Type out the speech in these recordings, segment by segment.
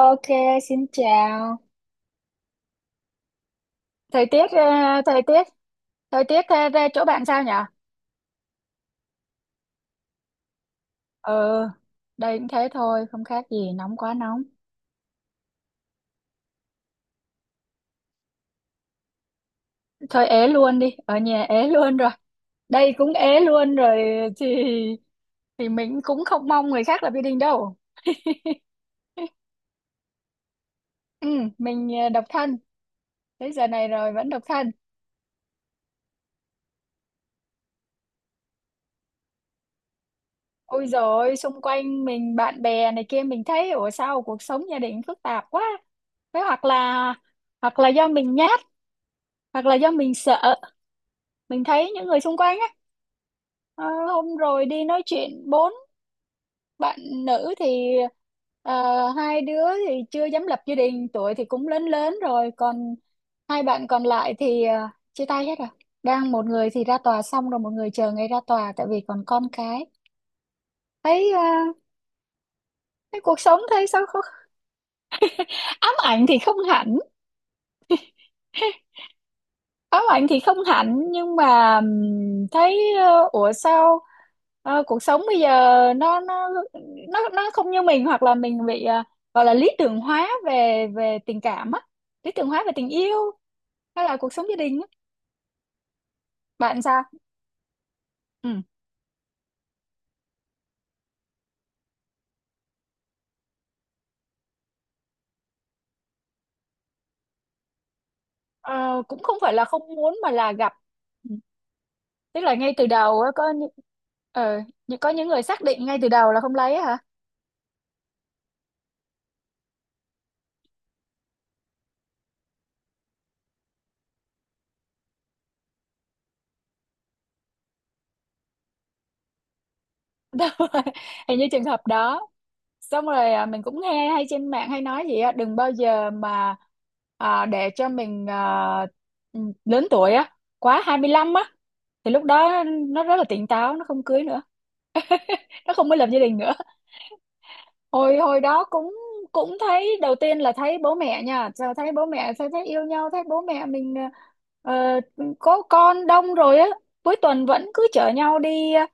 Ok, xin chào. Thời tiết, ờ, thời tiết, thời tiết ờ, về chỗ bạn sao nhỉ? Ừ, đây cũng thế thôi, không khác gì, nóng quá nóng. Thôi ế luôn đi, ở nhà ế luôn rồi. Đây cũng ế luôn rồi, thì thì mình cũng không mong người khác lập gia đình đâu. Ừ, mình độc thân, tới giờ này rồi vẫn độc thân. Ôi rồi, xung quanh mình bạn bè này kia mình thấy ủa sao cuộc sống gia đình phức tạp quá. Thế hoặc là do mình nhát, hoặc là do mình sợ, mình thấy những người xung quanh á, ờ, hôm rồi đi nói chuyện bốn bạn nữ thì hai đứa thì chưa dám lập gia đình, tuổi thì cũng lớn lớn rồi, còn hai bạn còn lại thì chia tay hết rồi, đang một người thì ra tòa xong rồi, một người chờ ngày ra tòa tại vì còn con cái. Thấy ờ, thấy cuộc sống thấy sao không. Ám ảnh thì không hẳn. Có bạn thì không hạnh, nhưng mà thấy ủa sao cuộc sống bây giờ nó nó nó không như mình, hoặc là mình bị gọi là lý tưởng hóa về về tình cảm á, lý tưởng hóa về tình yêu hay là cuộc sống gia đình á. Bạn sao? Ừ. Ờ, cũng không phải là không muốn mà là gặp. Ừ. Tức là ngay từ đầu á ờ, có những người xác định ngay từ đầu là không lấy á hả? Đúng rồi. Hình như trường hợp đó. Xong rồi à, mình cũng nghe hay trên mạng hay nói gì á, đừng bao giờ mà à, để cho mình à, ừ, lớn tuổi á, quá 25 á thì lúc đó nó rất là tỉnh táo, nó không cưới nữa, nó không có lập gia đình nữa. hồi hồi đó cũng cũng thấy đầu tiên là thấy bố mẹ nha. Sao thấy bố mẹ sao thấy yêu nhau, thấy bố mẹ mình à, ờ, có con đông rồi á, cuối tuần vẫn cứ chở nhau đi à,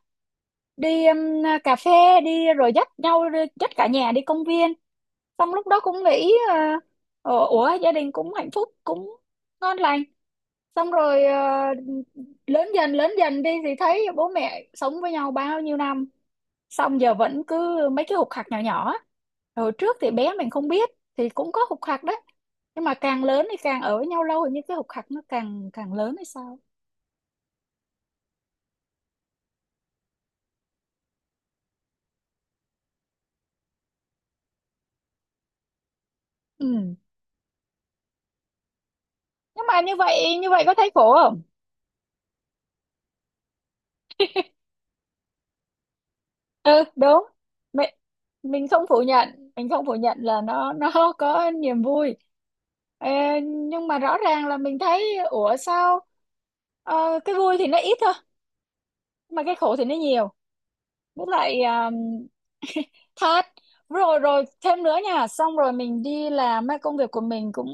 đi cà phê, đi rồi dắt cả nhà đi công viên. Xong lúc đó cũng nghĩ uh, ủa gia đình cũng hạnh phúc, cũng ngon lành. Xong rồi lớn dần đi thì thấy bố mẹ sống với nhau bao nhiêu năm, xong giờ vẫn cứ mấy cái khục khặc nhỏ nhỏ á. Hồi trước thì bé mình không biết, thì cũng có khục khặc đấy, nhưng mà càng lớn thì càng ở với nhau lâu thì như cái khục khặc nó càng càng lớn hay sao. Ừ, nhưng mà như vậy, như vậy có thấy khổ. Ừ đúng, mình mình không phủ nhận, là nó có niềm vui. Ờ, nhưng mà rõ ràng là mình thấy ủa sao cái vui thì nó ít thôi, mà cái khổ thì nó nhiều. Với lại thát, rồi rồi thêm nữa nha. Xong rồi mình đi làm á, công việc của mình cũng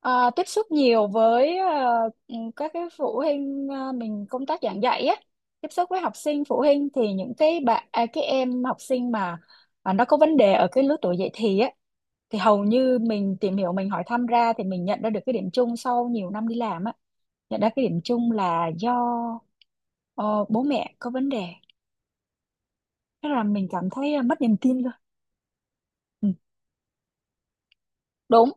ờ, tiếp xúc nhiều với các cái phụ huynh, mình công tác giảng dạy á, tiếp xúc với học sinh phụ huynh, thì những cái bạn à, cái em học sinh mà nó có vấn đề ở cái lứa tuổi dậy thì á, thì hầu như mình tìm hiểu, mình hỏi thăm ra, thì mình nhận ra được cái điểm chung sau nhiều năm đi làm á, nhận ra cái điểm chung là do ờ, bố mẹ có vấn đề. Thế là mình cảm thấy à, mất niềm tin rồi. Ừ. Đúng,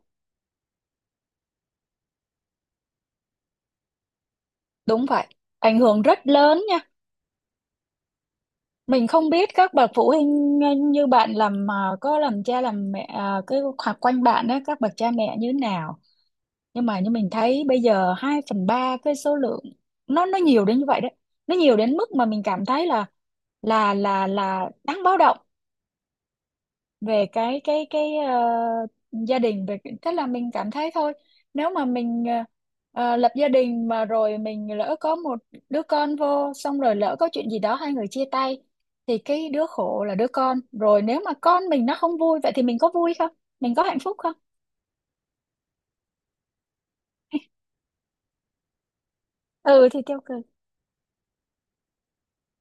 đúng vậy. Ảnh hưởng rất lớn nha. Mình không biết các bậc phụ huynh như bạn làm có làm cha làm mẹ ờ, cái hoặc quanh bạn á, các bậc cha mẹ như thế nào. Nhưng mà như mình thấy bây giờ 2/3 cái số lượng, nó nhiều đến như vậy đấy. Nó nhiều đến mức mà mình cảm thấy là là đáng báo động. Về cái gia đình, tức là mình cảm thấy thôi, nếu mà mình lập gia đình, mà rồi mình lỡ có một đứa con vô, xong rồi lỡ có chuyện gì đó hai người chia tay, thì cái đứa khổ là đứa con rồi. Nếu mà con mình nó không vui vậy, thì mình có vui không, mình có hạnh phúc không? Ừ thì tiêu cực.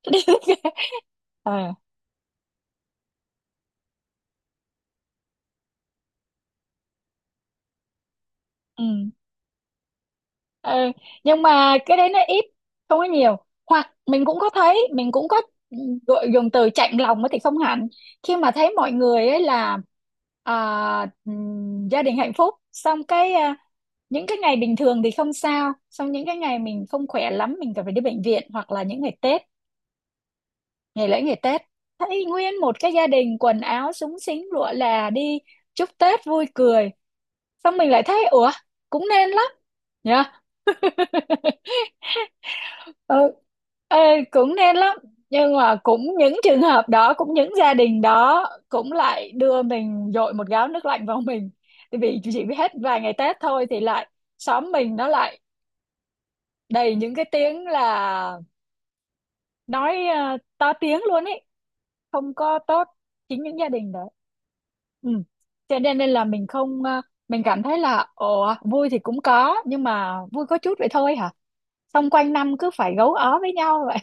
Ờ, ừ. Ờ, nhưng mà cái đấy nó ít, không có nhiều. Hoặc mình cũng có thấy, mình cũng có gọi dùng từ chạnh lòng thì không hẳn, khi mà thấy mọi người ấy là à, gia đình hạnh phúc, xong cái à, những cái ngày bình thường thì không sao, xong những cái ngày mình không khỏe lắm, mình cần phải đi bệnh viện, hoặc là những ngày Tết, ngày lễ, ngày Tết, thấy nguyên một cái gia đình quần áo súng xính lụa là đi chúc Tết vui cười, xong mình lại thấy ủa, cũng nên lắm nhỉ. Ừ. Ê, cũng nên lắm, nhưng mà cũng những trường hợp đó, cũng những gia đình đó cũng lại đưa mình dội một gáo nước lạnh vào mình, tại vì chỉ hết vài ngày Tết thôi thì lại, xóm mình nó lại đầy những cái tiếng là nói to tiếng luôn ấy, không có tốt, chính những gia đình đó. Ừ. Cho nên nên là, mình không ờ, mình cảm thấy là ồ vui thì cũng có, nhưng mà vui có chút vậy thôi hả, xong quanh năm cứ phải gấu ó với nhau vậy,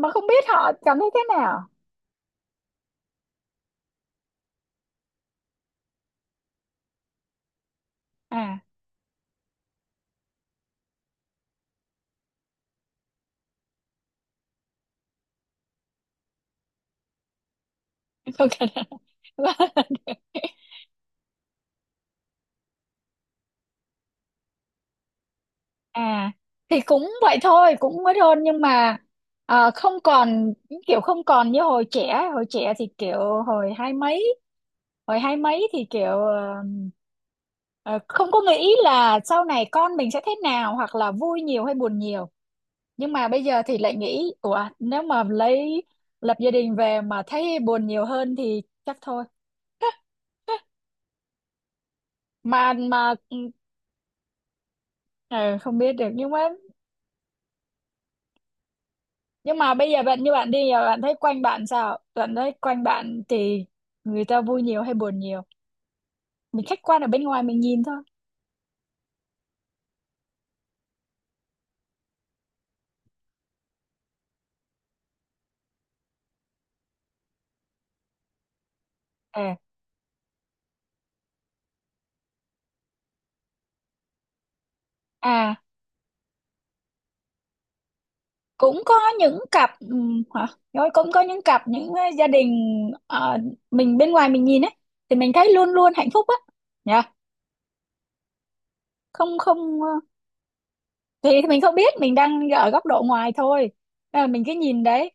mà không biết họ cảm thấy thế nào. À, không cần. À thì cũng vậy thôi, cũng mới hôn, nhưng mà không còn, kiểu không còn như hồi trẻ thì kiểu, hồi hai mấy, hồi hai mấy thì kiểu ờ, không có nghĩ là sau này con mình sẽ thế nào, hoặc là vui nhiều hay buồn nhiều. Nhưng mà bây giờ thì lại nghĩ ủa, nếu mà lấy, lập gia đình về mà thấy buồn nhiều hơn thì chắc thôi. Mà ừ. Ờ, không biết được, nhưng mà, nhưng mà bây giờ bạn, như bạn đi, giờ bạn thấy quanh bạn sao, bạn thấy quanh bạn thì người ta vui nhiều hay buồn nhiều? Mình khách quan ở bên ngoài mình nhìn thôi. À, à cũng có những cặp hả, rồi cũng có những cặp gia đình ờ, mình bên ngoài mình nhìn ấy, thì mình thấy luôn luôn hạnh phúc á, nhá. Không, không, thì mình không biết, mình đang ở góc độ ngoài thôi, nên là mình cứ nhìn đấy.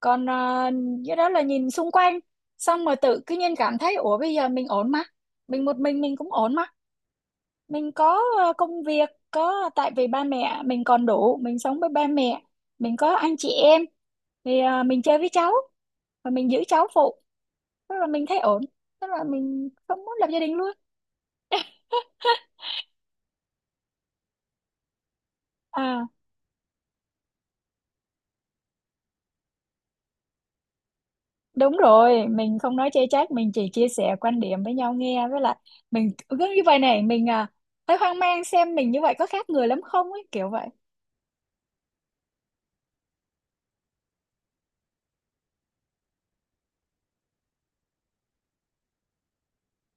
Còn cái đó là nhìn xung quanh, xong rồi tự cứ nhiên cảm thấy ủa bây giờ mình ổn mà, mình một mình cũng ổn mà, mình có công việc, có, tại vì ba mẹ mình còn đủ, mình sống với ba mẹ, mình có anh chị em, thì mình chơi với cháu và mình giữ cháu phụ, tức là mình thấy ổn, tức là mình không muốn lập gia đình luôn. À, đúng rồi, mình không nói chê trách, mình chỉ chia sẻ quan điểm với nhau nghe, với lại mình cứ như vậy này, mình à, thấy hoang mang, xem mình như vậy có khác người lắm không ấy, kiểu vậy.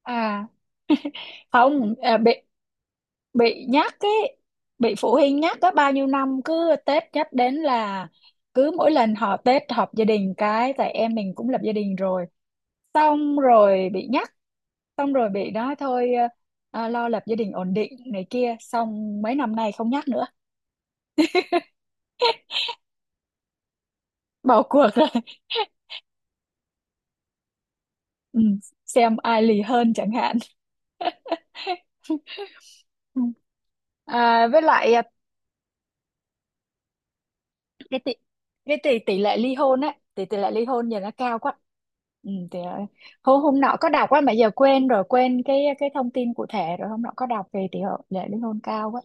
À, không, à, bị nhắc ấy, bị phụ huynh nhắc có bao nhiêu năm, cứ Tết nhắc đến là cứ mỗi lần họ Tết họp gia đình cái, tại em mình cũng lập gia đình rồi. Xong rồi bị nhắc, xong rồi bị nói thôi à, lo lập gia đình ổn định này kia. Xong mấy năm nay không nhắc nữa, bỏ cuộc rồi. Ừ, xem ai lì hơn chẳng hạn. Ừ. À, với lại à, cái tỷ cái tỷ tỷ lệ ly hôn á, tỷ tỷ lệ ly hôn giờ nó cao quá. Ừ, thì, à, hôm hôm nọ có đọc á, mà giờ quên rồi, quên cái thông tin cụ thể rồi. Hôm nọ có đọc về tỷ lệ ly hôn cao quá.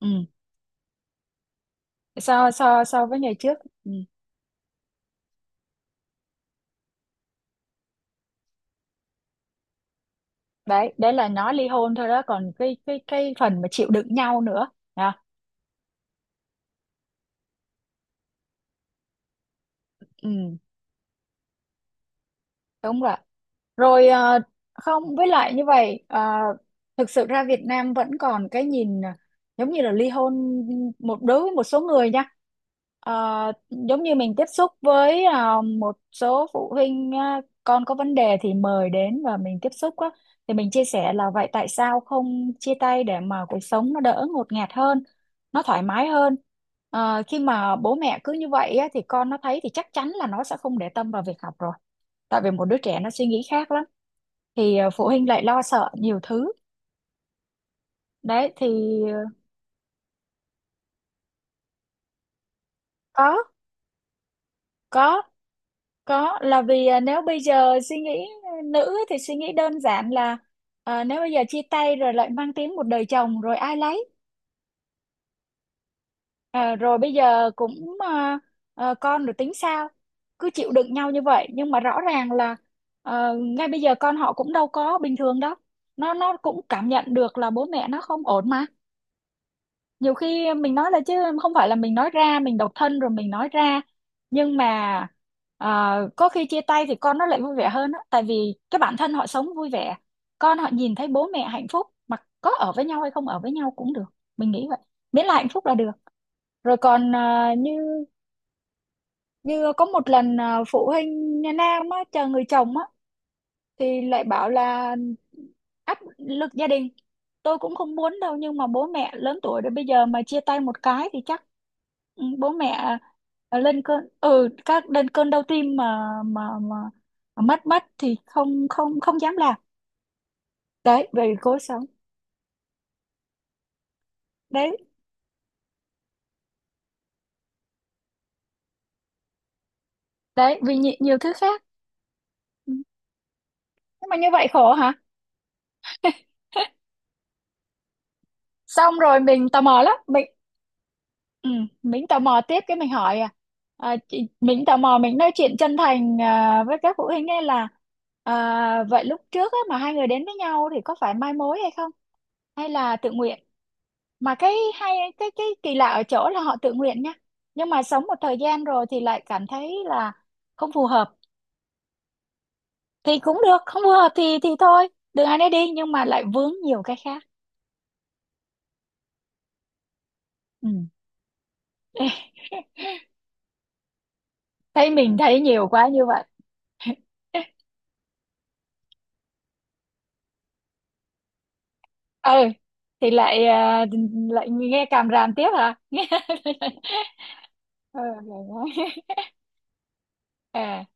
Ừ. so so so với ngày trước. Ừ. đấy đấy là nói ly hôn thôi đó, còn cái phần mà chịu đựng nhau nữa. Đó. Ừ, đúng rồi. Rồi không, với lại như vậy thực sự ra Việt Nam vẫn còn cái nhìn giống như là ly hôn một, đối với một số người nha. Ờ, giống như mình tiếp xúc với một số phụ huynh con có vấn đề thì mời đến và mình tiếp xúc á, thì mình chia sẻ là vậy tại sao không chia tay để mà cuộc sống nó đỡ ngột ngạt hơn, nó thoải mái hơn. Ờ, khi mà bố mẹ cứ như vậy á, thì con nó thấy thì chắc chắn là nó sẽ không để tâm vào việc học rồi, tại vì một đứa trẻ nó suy nghĩ khác lắm, thì phụ huynh lại lo sợ nhiều thứ. Đấy thì ờ, có có có là vì nếu bây giờ suy nghĩ nữ thì suy nghĩ đơn giản là nếu bây giờ chia tay rồi lại mang tiếng một đời chồng rồi ai lấy. Ờ, rồi bây giờ cũng con rồi tính sao, cứ chịu đựng nhau như vậy. Nhưng mà rõ ràng là ngay bây giờ con họ cũng đâu có bình thường đâu, nó cũng cảm nhận được là bố mẹ nó không ổn mà. Nhiều khi mình nói là, chứ không phải là mình nói ra mình độc thân rồi mình nói ra, nhưng mà có khi chia tay thì con nó lại vui vẻ hơn á, tại vì cái bản thân họ sống vui vẻ, con họ nhìn thấy bố mẹ hạnh phúc, mà có ở với nhau hay không ở với nhau cũng được, mình nghĩ vậy, miễn là hạnh phúc là được. Rồi còn như, như có một lần phụ huynh Nam á, chờ người chồng á, thì lại bảo là áp lực gia đình, tôi cũng không muốn đâu, nhưng mà bố mẹ lớn tuổi rồi, bây giờ mà chia tay một cái thì chắc ừ, bố mẹ lên cơn, ừ, các lên cơn đau tim, mà mất mất thì không không không dám làm. Đấy về cố sống. Đấy đấy vì nhiều thứ khác. Ừ. Nhưng mà như vậy khổ hả? Xong rồi mình tò mò lắm, ừ, mình tò mò tiếp, cái mình hỏi à, à chị, mình tò mò mình nói chuyện chân thành à, với các phụ huynh ấy là à, vậy lúc trước á, mà hai người đến với nhau thì có phải mai mối hay không, hay là tự nguyện. Mà cái hay, cái kỳ lạ ở chỗ là họ tự nguyện nha, nhưng mà sống một thời gian rồi thì lại cảm thấy là không phù hợp. Thì cũng được, không phù hợp thì thôi, đường ai nấy đi, nhưng mà lại vướng nhiều cái khác. Ừ. Thấy mình thấy nhiều quá như vậy. Ừ thì lại nghe càm ràm tiếp hả. Nghe. Ừ, rồi đó. À